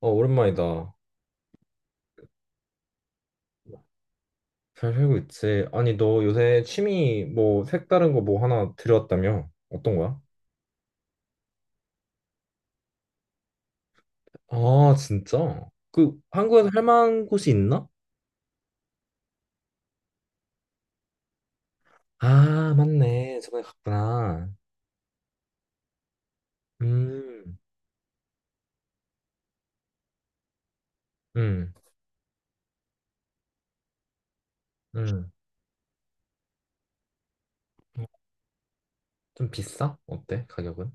어, 오랜만이다. 잘 살고 있지? 아니, 너 요새 취미 뭐 색다른 거 뭐 하나 들여왔다며? 어떤 거야? 아, 진짜? 그 한국에서 할 만한 곳이 있나? 아, 맞네. 저번에 갔구나. 음, 음, 음. 좀 비싸? 어때? 가격은?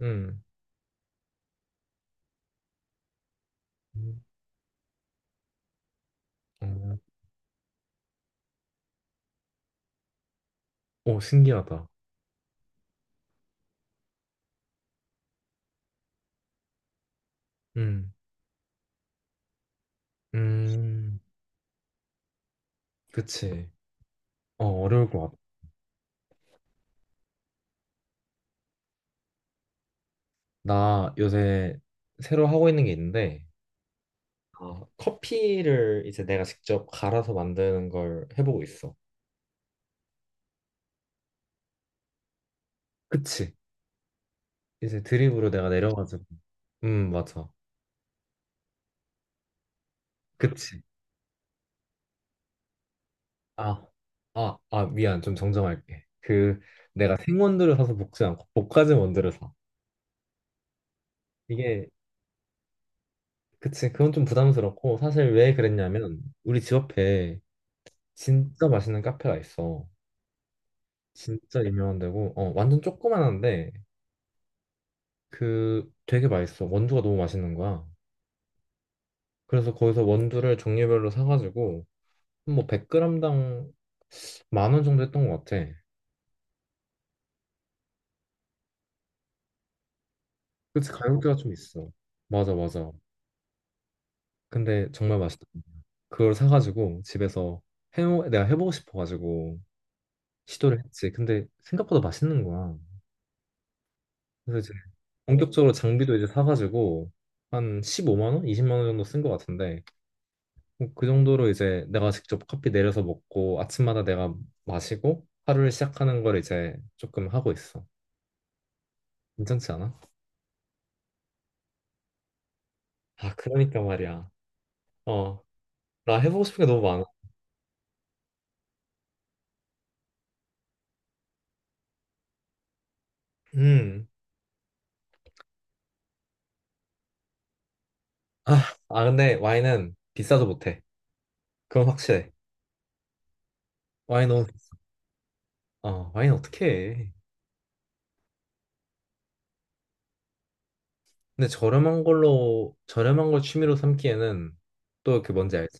음. 음. 어, 오, 신기하다. 음, 음, 그치. 어, 어려울 것 같아. 나 요새 새로 하고 있는 게 있는데, 아, 커피를 이제 내가 직접 갈아서 만드는 걸 해보고 있어. 그치. 이제 드립으로 내가 내려가지고. 맞아. 그치. 아, 아, 미안. 좀 정정할게. 그, 내가 생원두를 사서 볶지 않고 볶아진 원두를 사. 이게, 그치. 그건 좀 부담스럽고, 사실 왜 그랬냐면, 우리 집 앞에 진짜 맛있는 카페가 있어. 진짜 유명한 데고, 어, 완전 조그만한데, 그, 되게 맛있어. 원두가 너무 맛있는 거야. 그래서 거기서 원두를 종류별로 사가지고 뭐 100g당 10,000원 정도 했던 것 같아. 그치, 가격대가 좀 있어. 맞아, 맞아. 근데 정말 맛있다. 그걸 사가지고 집에서 해 내가 해보고 싶어가지고 시도를 했지. 근데 생각보다 맛있는 거야. 그래서 이제 본격적으로 장비도 이제 사가지고 한 15만 원, 20만 원 정도 쓴 것 같은데 뭐그 정도로 이제 내가 직접 커피 내려서 먹고 아침마다 내가 마시고 하루를 시작하는 걸 이제 조금 하고 있어. 괜찮지 않아? 아, 그러니까 말이야. 어, 나 해보고 싶은 게 너무 많아. 음. 아, 아, 근데 와인은 비싸도 못해. 그건 확실해. 와인 너무 비싸. 어, 와인 어떻게 해. 근데 저렴한 걸 취미로 삼기에는 또 그 뭔지 알지?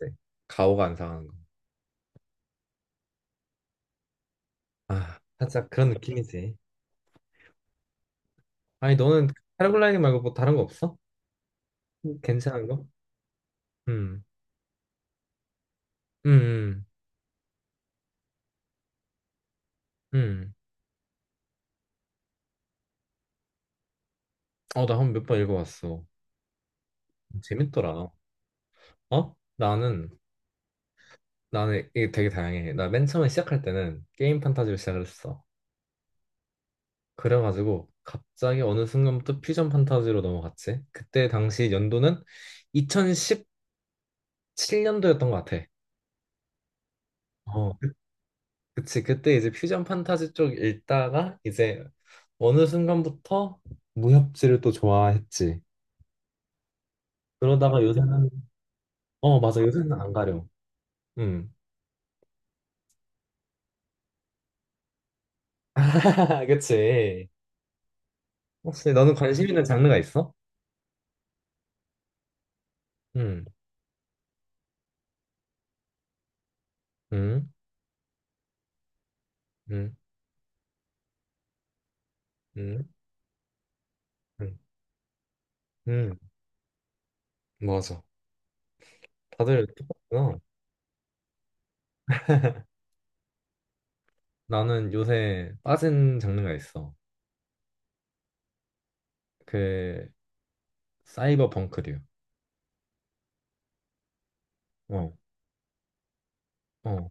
가오가 안 상하는 거. 아, 살짝 그런 느낌이지. 아니, 너는 패러글라이딩 말고 뭐 다른 거 없어? 괜찮은 거? 음, 음, 음. 음. 어, 나 한 몇 번 읽어봤어. 재밌더라. 어? 나는 이게 되게 다양해. 나 맨 처음에 시작할 때는 게임 판타지로 시작을 했어. 그래가지고 갑자기 어느 순간부터 퓨전 판타지로 넘어갔지. 그때 당시 연도는 2017년도였던 것 같아. 어, 그치. 그때 이제 퓨전 판타지 쪽 읽다가 이제 어느 순간부터 무협지를 또 좋아했지. 그러다가 요새는, 어, 맞아, 요새는 안 가려. 음. 그치. 혹시 너는 관심 있는 장르가 있어? 음. 음. 음. 음. 음. 음. 맞아. 다들 똑같구나. 나는 요새 빠진 장르가 있어. 그 사이버 펑크류. 어, 어,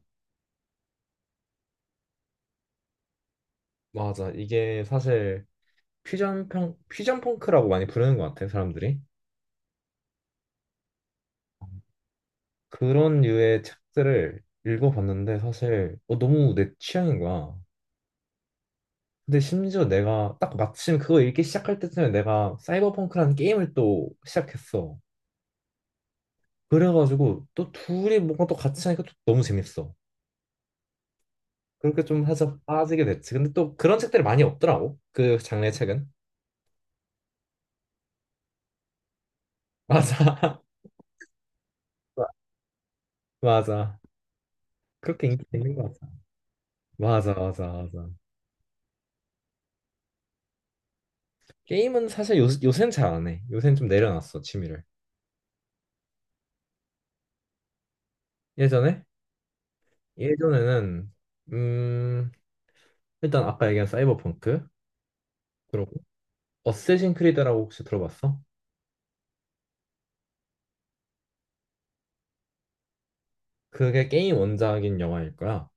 맞아. 이게 사실 퓨전 펑크라고 많이 부르는 것 같아, 사람들이. 그런 류의 책들을 읽어봤는데 사실 어, 너무 내 취향인 거야. 근데 심지어 내가 딱 마침 그거 읽기 시작할 때쯤에 내가 사이버펑크라는 게임을 또 시작했어. 그래가지고 또 둘이 뭔가 또 같이 하니까 또 너무 재밌어. 그러니까 좀 해서 빠지게 됐지. 근데 또 그런 책들이 많이 없더라고. 그 장르의 책은. 맞아. 맞아. 그렇게 인기가 있는 것 같아. 맞아, 맞아, 맞아. 게임은 사실 요새는 잘 안 해. 요새는 좀 내려놨어, 취미를. 예전에? 예전에는, 음, 일단 아까 얘기한 사이버펑크. 그리고 어쌔신 크리드라고 혹시 들어봤어? 그게 게임 원작인 영화일 거야.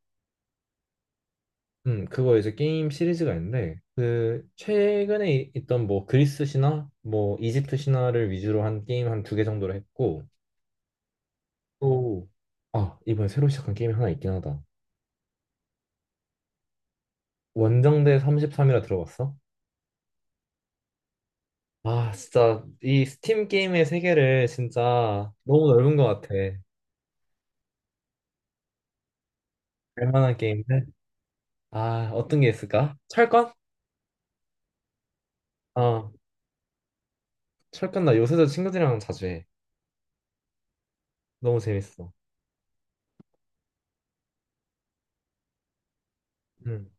그거 이제 게임 시리즈가 있는데, 그, 최근에 있던 뭐 그리스 신화, 뭐 이집트 신화를 위주로 한 게임 한 두 개 정도를 했고, 또, 아, 이번에 새로 시작한 게임이 하나 있긴 하다. 원정대 33이라 들어봤어? 아, 진짜, 이 스팀 게임의 세계를 진짜 너무 넓은 것 같아. 알만한 게임들? 아, 어떤 게 있을까? 철권? 아, 철권 나 요새도 친구들이랑 자주 해. 너무 재밌어. 음,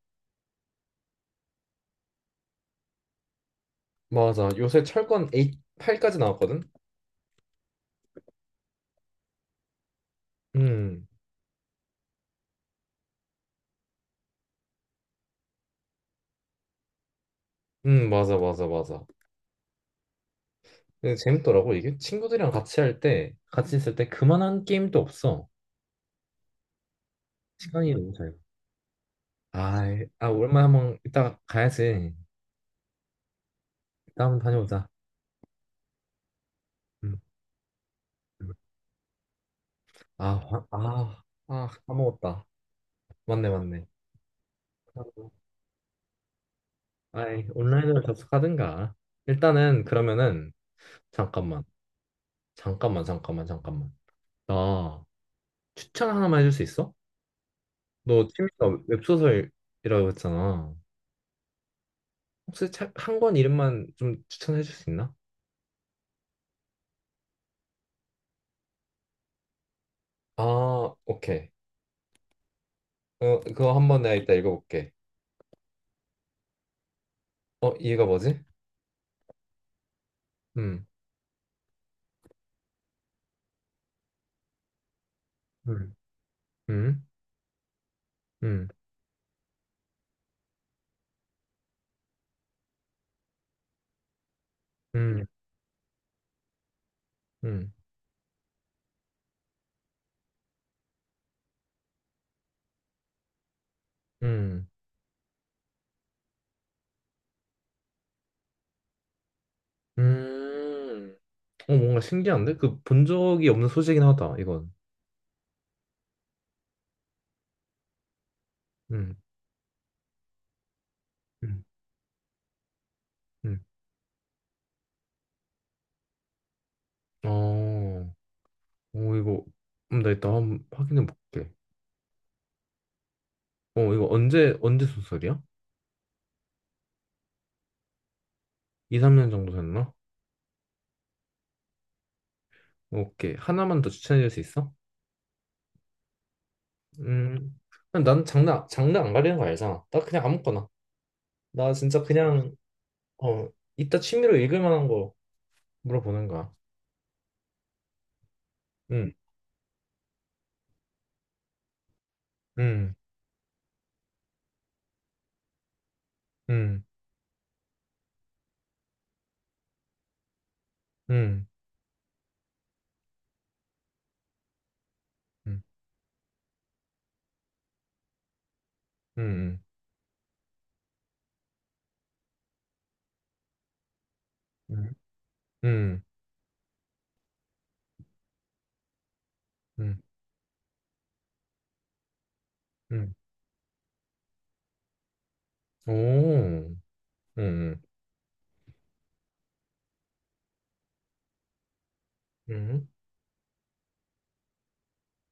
맞아. 요새 철권 8, 팔까지 나왔거든? 응 맞아, 맞아, 맞아. 근데 재밌더라고, 이게. 친구들이랑 같이 할 때, 같이 있을 때 그만한 게임도 없어. 시간이 너무 잘 가. 아, 오랜만에 한번 이따가 가야지. 이따 한번 다녀오자. 음. 음. 아, 화- 아, 아, 까먹었다. 맞네, 맞네. 아이, 온라인으로 접속하든가. 일단은, 그러면은, 잠깐만, 잠깐만, 잠깐만, 잠깐만. 나 추천 하나만 해줄 수 있어? 너 취미가 웹소설이라고 했잖아. 혹시 책 한 권 이름만 좀 추천해 줄 수 있나? 아, 오케이. 어, 그거 한번 내가 이따 읽어볼게. 어, 얘가 뭐지? 음, 음. 음, 음, 음, 음, 음, 음. 어, 뭔가 신기한데? 그 본 적이 없는 소재긴 하다, 이건. 음, 음. 음. 어, 오, 이거. 나 이따 한번 확인해 볼게. 어, 이거 언제 소설이야? 2, 3년 정도 됐나? 오케이. 하나만 더 추천해 줄 수 있어? 음, 난 장르, 장르 안 가리는 거 알잖아. 나 그냥 아무거나. 나 진짜 그냥, 어, 이따 취미로 읽을 만한 거 물어보는 거야. 음, 음, 음, 음, 음, 음, 음, 음, 음, 음. 오, 음, 음,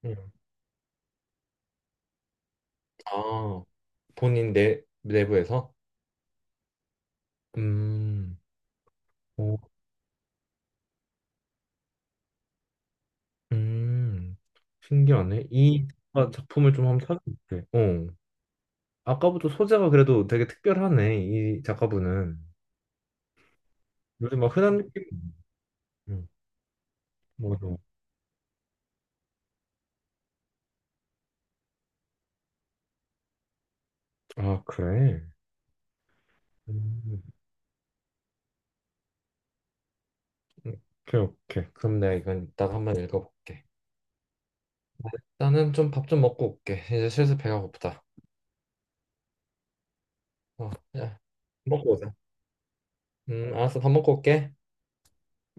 음. 아, 본인 내부에서? 음, 오, 음, 신기하네. 이 작가 작품을 좀 한번 찾아볼게. 어. 아까부터 소재가 그래도 되게 특별하네, 이 작가분은. 요즘 막 흔한 느낌? 음, 뭐, 좀. 아, 그래? 음, 오케이, 오케이. 그럼 내가 이건 이따가 한번 읽어볼게. 나는 좀 밥 좀 먹고 올게. 이제 슬슬 배가 고프다. 어, 야, 먹고 오자. 알았어. 밥 먹고 올게.